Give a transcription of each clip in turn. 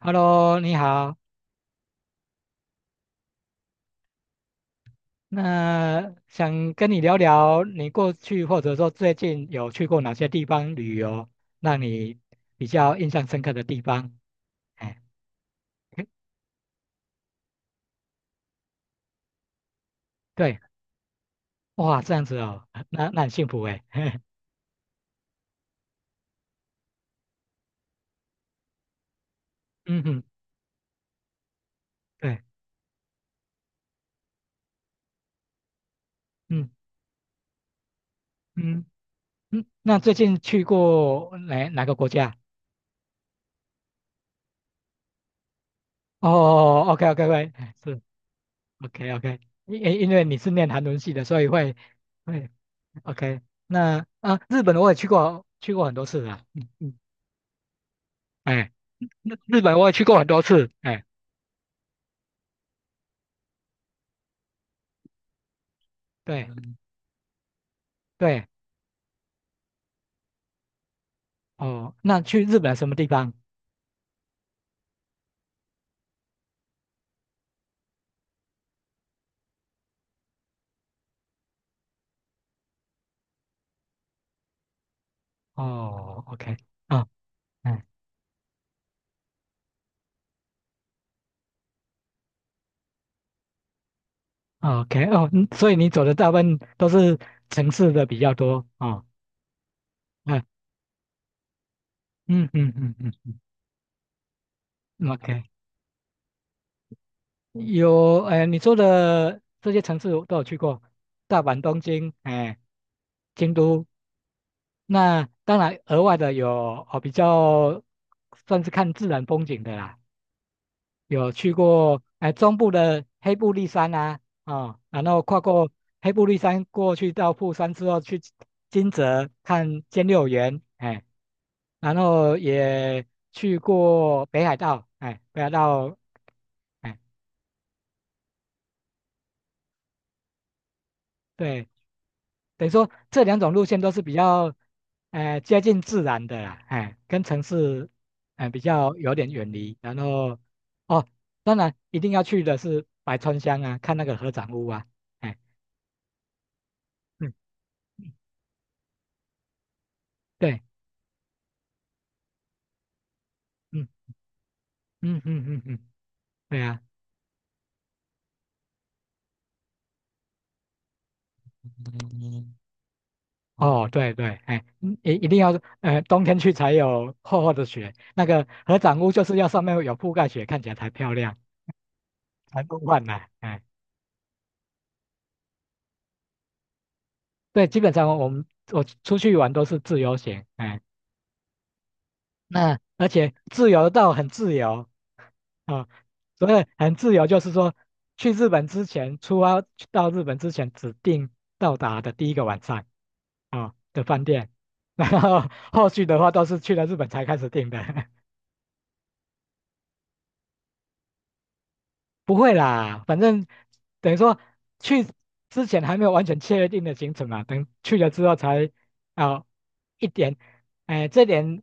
Hello，你好。那想跟你聊聊，你过去或者说最近有去过哪些地方旅游，让你比较印象深刻的地方？哎，诶对，哇，这样子哦，那很幸福哎。嗯嗯，对，嗯嗯嗯。那最近去过哪个国家？哦，OK OK OK，是 OK OK。因为你是念韩文系的，所以会 OK。那啊，日本我也去过，去过很多次了。嗯嗯哎，日本我也去过很多次，哎，对对，哦，那去日本什么地方？哦，OK，啊，哎 o k 哦，嗯所以你走的大部分都是城市的比较多哦，嗯嗯嗯嗯嗯嗯，OK，有，哎，你说的这些城市我都有去过，大阪、东京，哎，京都，那当然额外的有哦，比较算是看自然风景的啦，有去过哎中部的黑部立山啊，哦，然后跨过黑部立山过去到富山之后，去金泽看兼六园，哎，然后也去过北海道，哎，北海道，哎，对，等于说这两种路线都是比较，哎，接近自然的啦，哎，跟城市，哎，比较有点远离，然后，哦，当然一定要去的是白川乡啊，看那个合掌屋啊，哎，嗯，对。嗯。嗯嗯嗯嗯，对啊，嗯哦，对对，哎，嗯一一定要，冬天去才有厚厚的雪，那个合掌屋就是要上面有覆盖雪，看起来才漂亮，才梦幻呢、哎，对，基本上我们我出去玩都是自由行，哎。那而且自由到很自由啊，所以很自由就是说，去日本之前，出发到日本之前指定到达的第一个晚上啊的饭店，然后后续的话都是去了日本才开始订的，不会啦，反正等于说去之前还没有完全确定的行程嘛，等去了之后才啊一点，哎、这点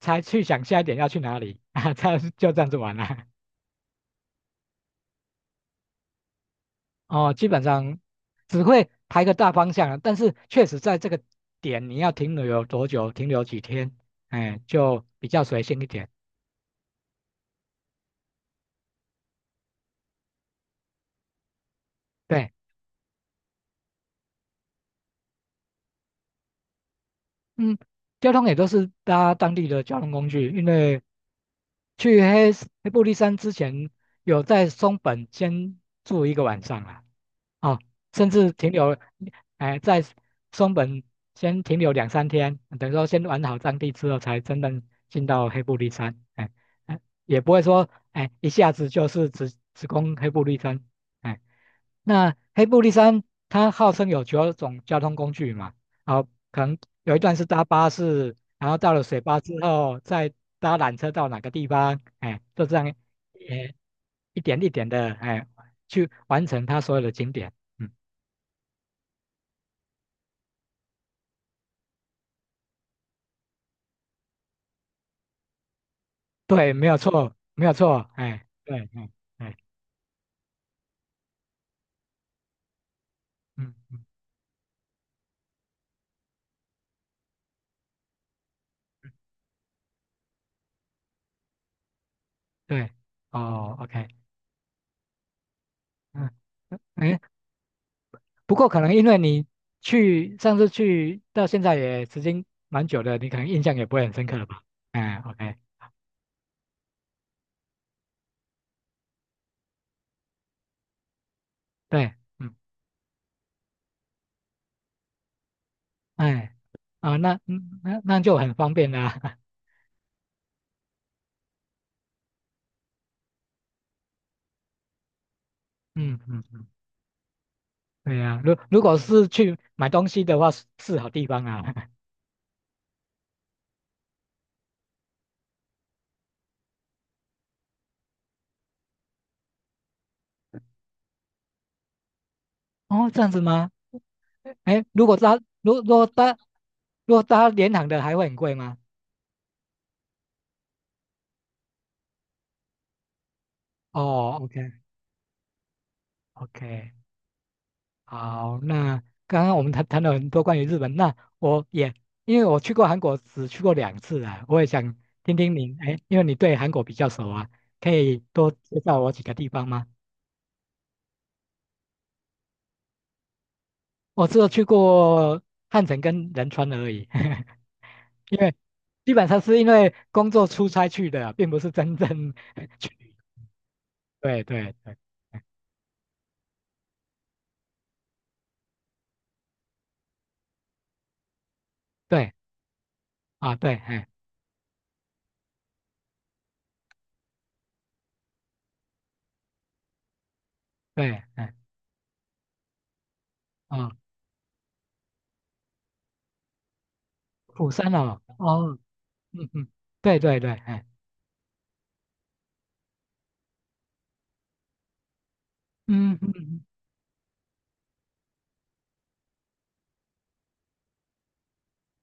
才去想下一点要去哪里 啊，这样就这样子玩了。哦，基本上只会排个大方向啊，但是确实在这个点你要停留有多久，停留几天，哎，就比较随性一点。对，嗯，交通也都是搭当地的交通工具，因为去黑布利山之前有在松本先住一个晚上啊，哦，甚至停留，哎，在松本先停留两三天，等于说先玩好当地之后，才真正进到黑部立山，哎，哎也不会说，哎，一下子就是直直攻黑部立山，哎，那黑部立山它号称有九种交通工具嘛，哦，可能有一段是搭巴士，然后到了水坝之后再搭缆车到哪个地方，哎，就这样，哎，一点一点的，哎，去完成它所有的景点。嗯，对，没有错，没有错，哎，对，嗯，哎，嗯嗯，对，哦，OK，嗯，哎，不过可能因为你去上次去到现在也时间蛮久的，你可能印象也不会很深刻了吧？哎，OK，对，嗯，哎，啊，那嗯那那就很方便啦，嗯嗯嗯，对呀、如如果是去买东西的话，是是好地方啊，哦，这样子吗？哎，如果搭，如如果搭，如果搭联航的还会很贵吗？哦，OK OK，好，那刚刚我们谈谈了很多关于日本，那我也因为我去过韩国，只去过两次啊，我也想听听您，哎，因为你对韩国比较熟啊，可以多介绍我几个地方吗？我只有去过汉城跟仁川而已，因为基本上是因为工作出差去的啊，并不是真正 去旅游。对对对对。啊，对，哎，对，哎，哦，釜山哦，哦，嗯嗯，对对对，哎，嗯嗯，嗯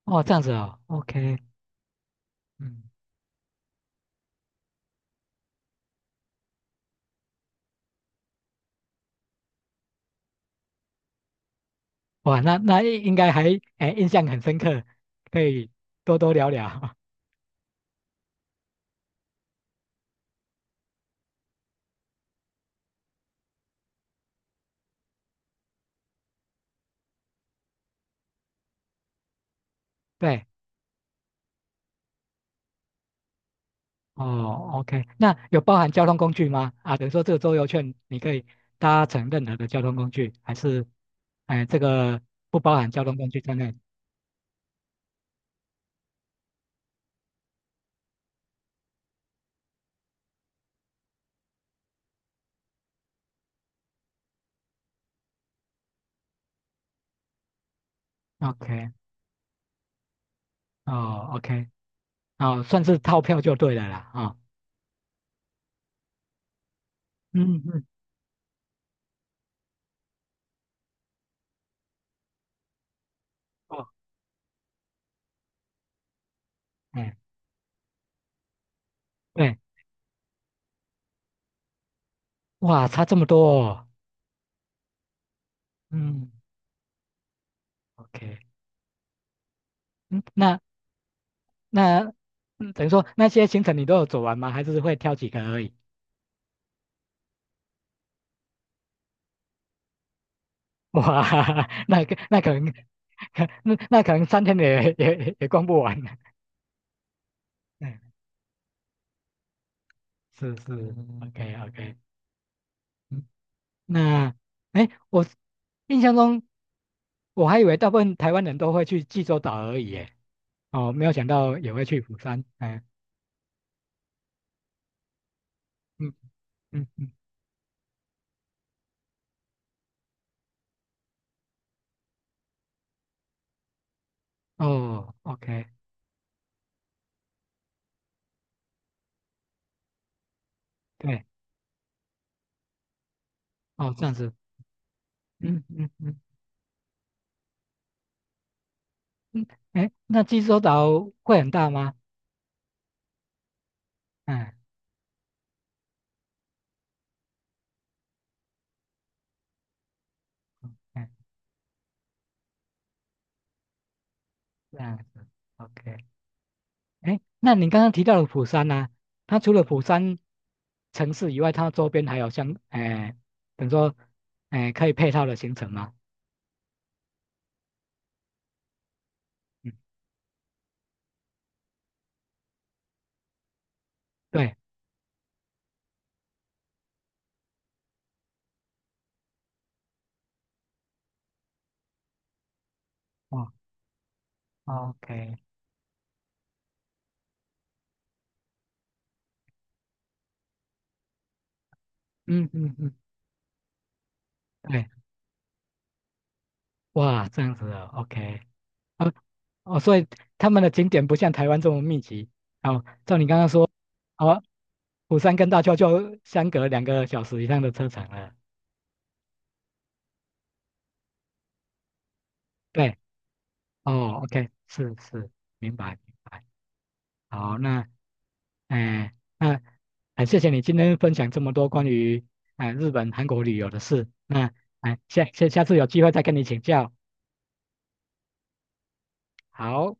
哦，这样子哦，OK，嗯，哇，那那应该还哎印象很深刻，可以多多聊聊，对，哦，OK，那有包含交通工具吗？啊，等于说这个周游券你可以搭乘任何的交通工具，还是哎这个不包含交通工具在内？OK，哦，OK，哦，算是套票就对了啦，啊、哦嗯嗯，哦，哎。对。哇，差这么多哦。嗯，OK，嗯，那那嗯等于说那些行程你都有走完吗？还是会挑几个而已？哇，那个那可能，可那那可能三天也也也逛不完。嗯，是是，OK OK，嗯，那哎，我印象中我还以为大部分台湾人都会去济州岛而已，耶，哦，没有想到也会去釜山。哎，嗯嗯嗯，哦，OK，对，哦，这样子，嗯嗯嗯。嗯，哎，那济州岛会很大吗？嗯嗯，这样子，OK。哎，那你刚刚提到的釜山呢、它除了釜山城市以外，它周边还有像，哎，等于说，哎，可以配套的行程吗？嗯，对，哦，OK，嗯嗯嗯，对，哇，这样子的，OK，哦哦，所以他们的景点不像台湾这么密集。哦，照你刚刚说，哦，釜山跟大邱就相隔两个小时以上的车程了。对，哦，OK，是是，明白明白。好，那，哎、那，哎、谢谢你今天分享这么多关于哎、日本、韩国旅游的事。那，哎、下次有机会再跟你请教。好。